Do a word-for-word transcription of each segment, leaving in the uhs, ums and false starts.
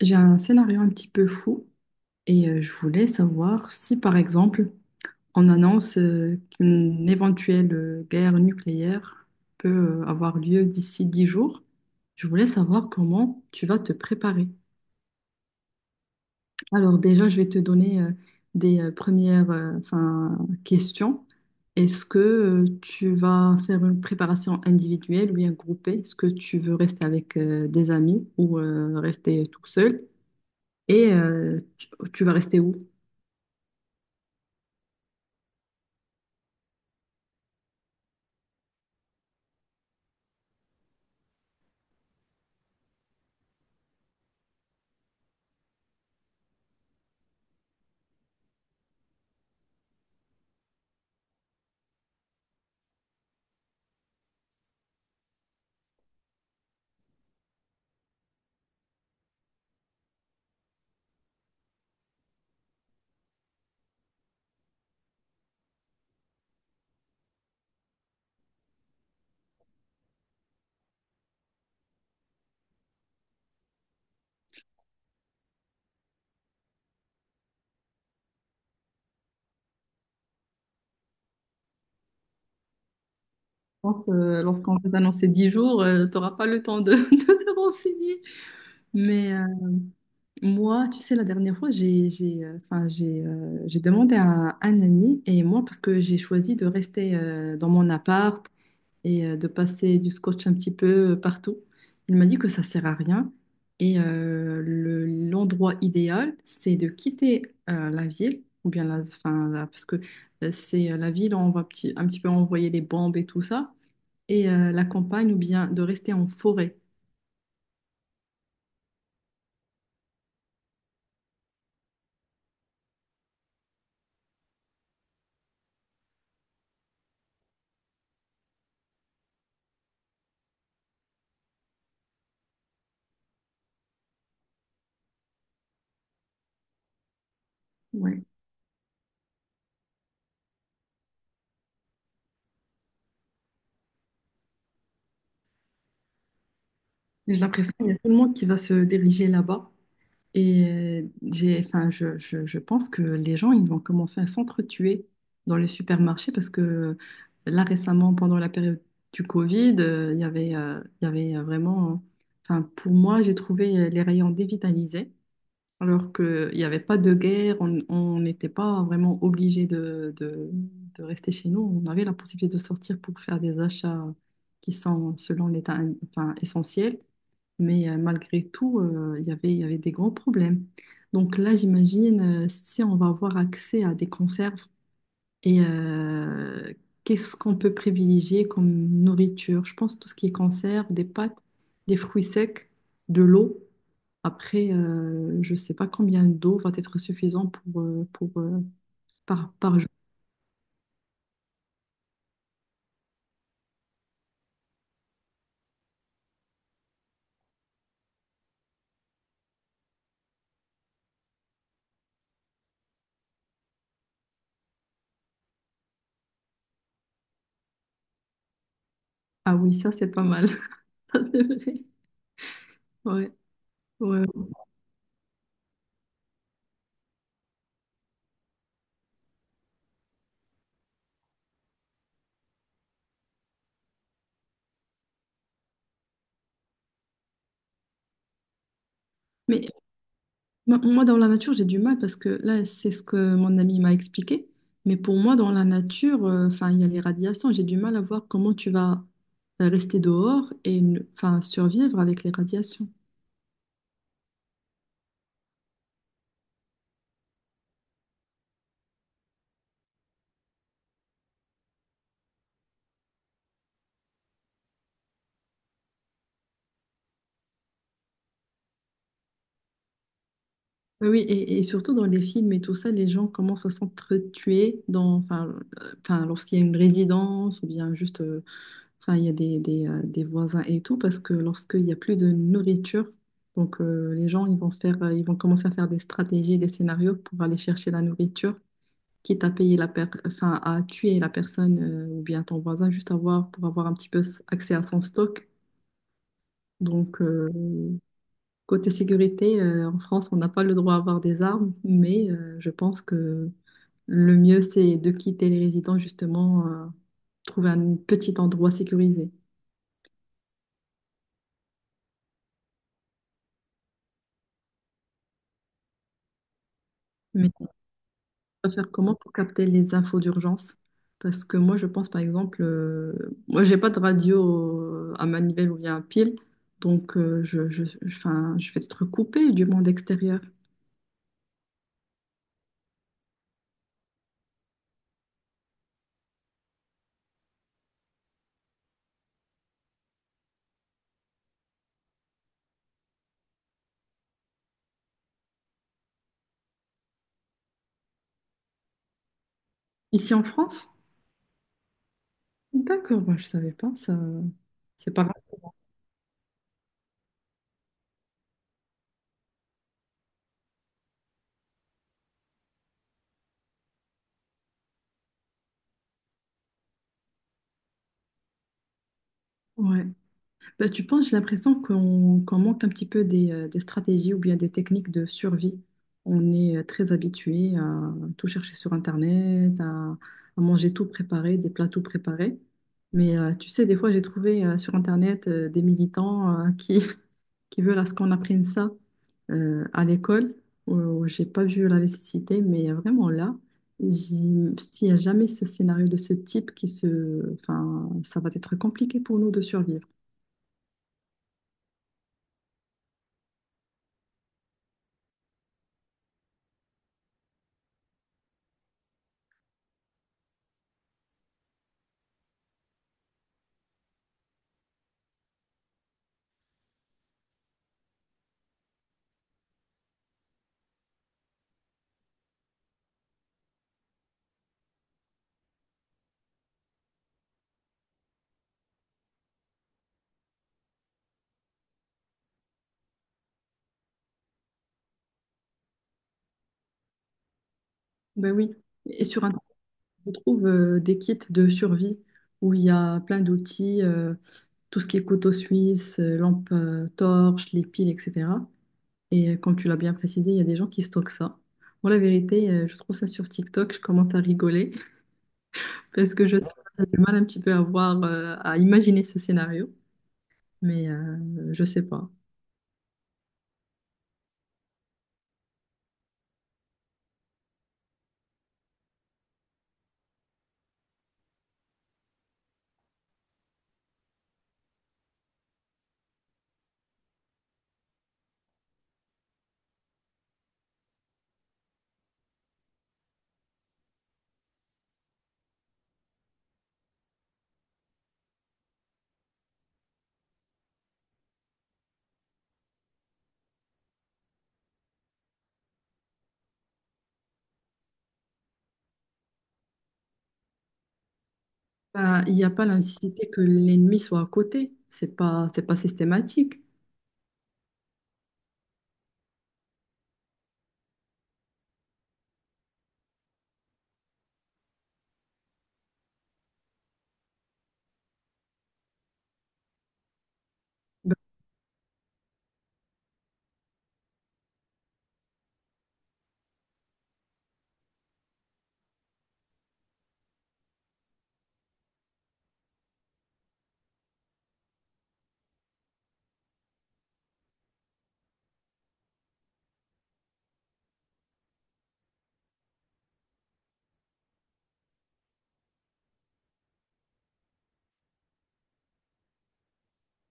J'ai un scénario un petit peu fou et euh, je voulais savoir si, par exemple, on annonce euh, qu'une éventuelle euh, guerre nucléaire peut euh, avoir lieu d'ici dix jours. Je voulais savoir comment tu vas te préparer. Alors déjà, je vais te donner euh, des euh, premières euh, enfin, questions. Est-ce que euh, tu vas faire une préparation individuelle ou bien groupée? Est-ce que tu veux rester avec euh, des amis ou euh, rester tout seul? Et euh, tu tu vas rester où? Pense, euh, lorsqu'on va t'annoncer dix jours, tu n'auras pas le temps de, de se renseigner. Mais euh, moi, tu sais, la dernière fois, j'ai, j'ai, euh, enfin, j'ai, euh, j'ai demandé à un, ami et moi, parce que j'ai choisi de rester euh, dans mon appart et euh, de passer du scotch un petit peu euh, partout, il m'a dit que ça sert à rien. Et euh, le- l'endroit idéal, c'est de quitter euh, la ville, ou bien la, enfin, la- parce que euh, c'est euh, la ville où on va petit- un petit peu envoyer les bombes et tout ça et euh, la campagne ou bien de rester en forêt. Ouais. J'ai l'impression qu'il y a tout le monde qui va se diriger là-bas. Et euh, j'ai, enfin, je, je- je pense que les gens, ils vont commencer à s'entretuer dans les supermarchés parce que euh, là, récemment, pendant la période du Covid, euh, il y avait, euh, il y avait vraiment, euh, enfin, pour moi, j'ai trouvé les rayons dévitalisés. Alors qu'il n'y avait pas de guerre, on on n'était pas vraiment obligé de, de- de rester chez nous. On avait la possibilité de sortir pour faire des achats qui sont, selon l'État, in- enfin, essentiels. Mais euh, malgré tout, euh, il y avait, il y avait des grands problèmes. Donc là, j'imagine, euh, si on va avoir accès à des conserves et euh, qu'est-ce qu'on peut privilégier comme nourriture? Je pense tout ce qui est conserve, des pâtes, des fruits secs, de l'eau. Après, euh, je ne sais pas combien d'eau va être suffisant pour, euh, pour, euh, par, par jour. Ah oui, ça, c'est pas mal. Ça, c'est vrai. Ouais, ouais. Mais ma- moi, dans la nature, j'ai du mal parce que là, c'est ce que mon ami m'a expliqué. Mais pour moi, dans la nature, euh, enfin, il y a les radiations. J'ai du mal à voir comment tu vas euh, rester dehors et ne- enfin, survivre avec les radiations. Oui, oui, et, et surtout dans les films et tout ça, les gens commencent à s'entretuer dans, enfin, euh, enfin, lorsqu'il y a une résidence ou bien juste, euh, enfin, il y a des, des, euh, des voisins et tout, parce que lorsqu'il n'y a plus de nourriture, donc euh, les gens, ils vont faire, euh, ils vont commencer à faire des stratégies, des scénarios pour aller chercher la nourriture, quitte à payer la per- enfin, à tuer la personne euh, ou bien ton voisin, juste avoir, pour avoir un petit peu s- accès à son stock. Donc, euh, côté sécurité, euh, en France, on n'a pas le droit à avoir des armes, mais euh, je pense que le mieux, c'est de quitter les résidents, justement, euh, trouver un petit endroit sécurisé. Mais on va faire comment pour capter les infos d'urgence? Parce que moi, je pense, par exemple, euh, moi, j'ai pas de radio euh, à manivelle ou bien à pile, donc euh, je, je, je 'fin, je vais être coupée du monde extérieur. Ici en France? D'accord, moi, je savais pas, ça, c'est pas grave. Ouais. Bah, tu penses, j'ai l'impression qu'on qu'on manque un petit peu des, euh, des stratégies ou bien des techniques de survie. On est euh, très habitué à tout chercher sur Internet, à, à manger tout préparé, des plats tout préparés. Mais euh, tu sais, des fois, j'ai trouvé euh, sur Internet euh, des militants euh, qui, qui veulent à ce qu'on apprenne ça euh, à l'école où j'ai pas vu la nécessité, mais vraiment là, j'y- s'il n'y a jamais ce scénario de ce type qui se, enfin, ça va être compliqué pour nous de survivre. Ben oui, et sur Internet, on trouve euh, des kits de survie où il y a plein d'outils, euh, tout ce qui est couteau suisse, euh, lampe euh, torche, les piles, et cetera. Et euh, comme tu l'as bien précisé, il y a des gens qui stockent ça. Moi, la vérité, euh, je trouve ça sur TikTok, je commence à rigoler parce que je sais pas, j'ai du mal un petit peu à voir, euh, à imaginer ce scénario, mais euh, je sais pas. Bah, il n'y a pas la nécessité que l'ennemi soit à côté, c'est pas, c'est pas systématique.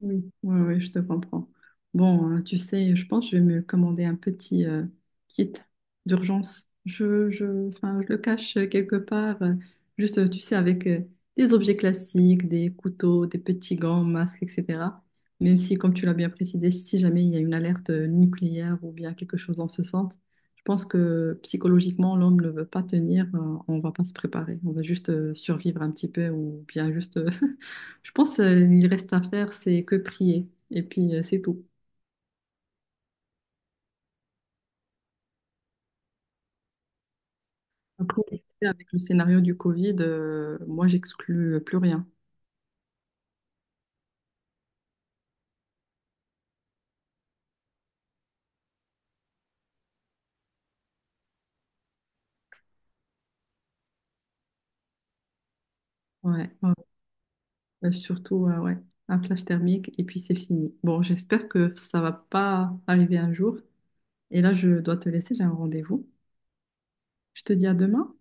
Oui, ouais, ouais, je te comprends. Bon, euh, tu sais, je pense que je vais me commander un petit euh, kit d'urgence. Je, je, enfin, je le cache quelque part, euh, juste, euh, tu sais, avec euh, des objets classiques, des couteaux, des petits gants, masques, et cetera. Même si, comme tu l'as bien précisé, si jamais il y a une alerte euh, nucléaire ou bien quelque chose dans ce sens, je pense que psychologiquement, l'homme ne veut pas tenir, euh, on va pas se préparer. On va juste euh, survivre un petit peu ou bien juste Je pense euh, il reste à faire, c'est que prier. Et puis, euh, c'est tout. Après, tu sais, avec le scénario du Covid, euh, moi, j'exclus euh, plus rien. Ouais, ouais. Euh, Surtout, euh, ouais, un flash thermique et puis c'est fini. Bon, j'espère que ça va pas arriver un jour. Et là, je dois te laisser, j'ai un rendez-vous. Je te dis à demain.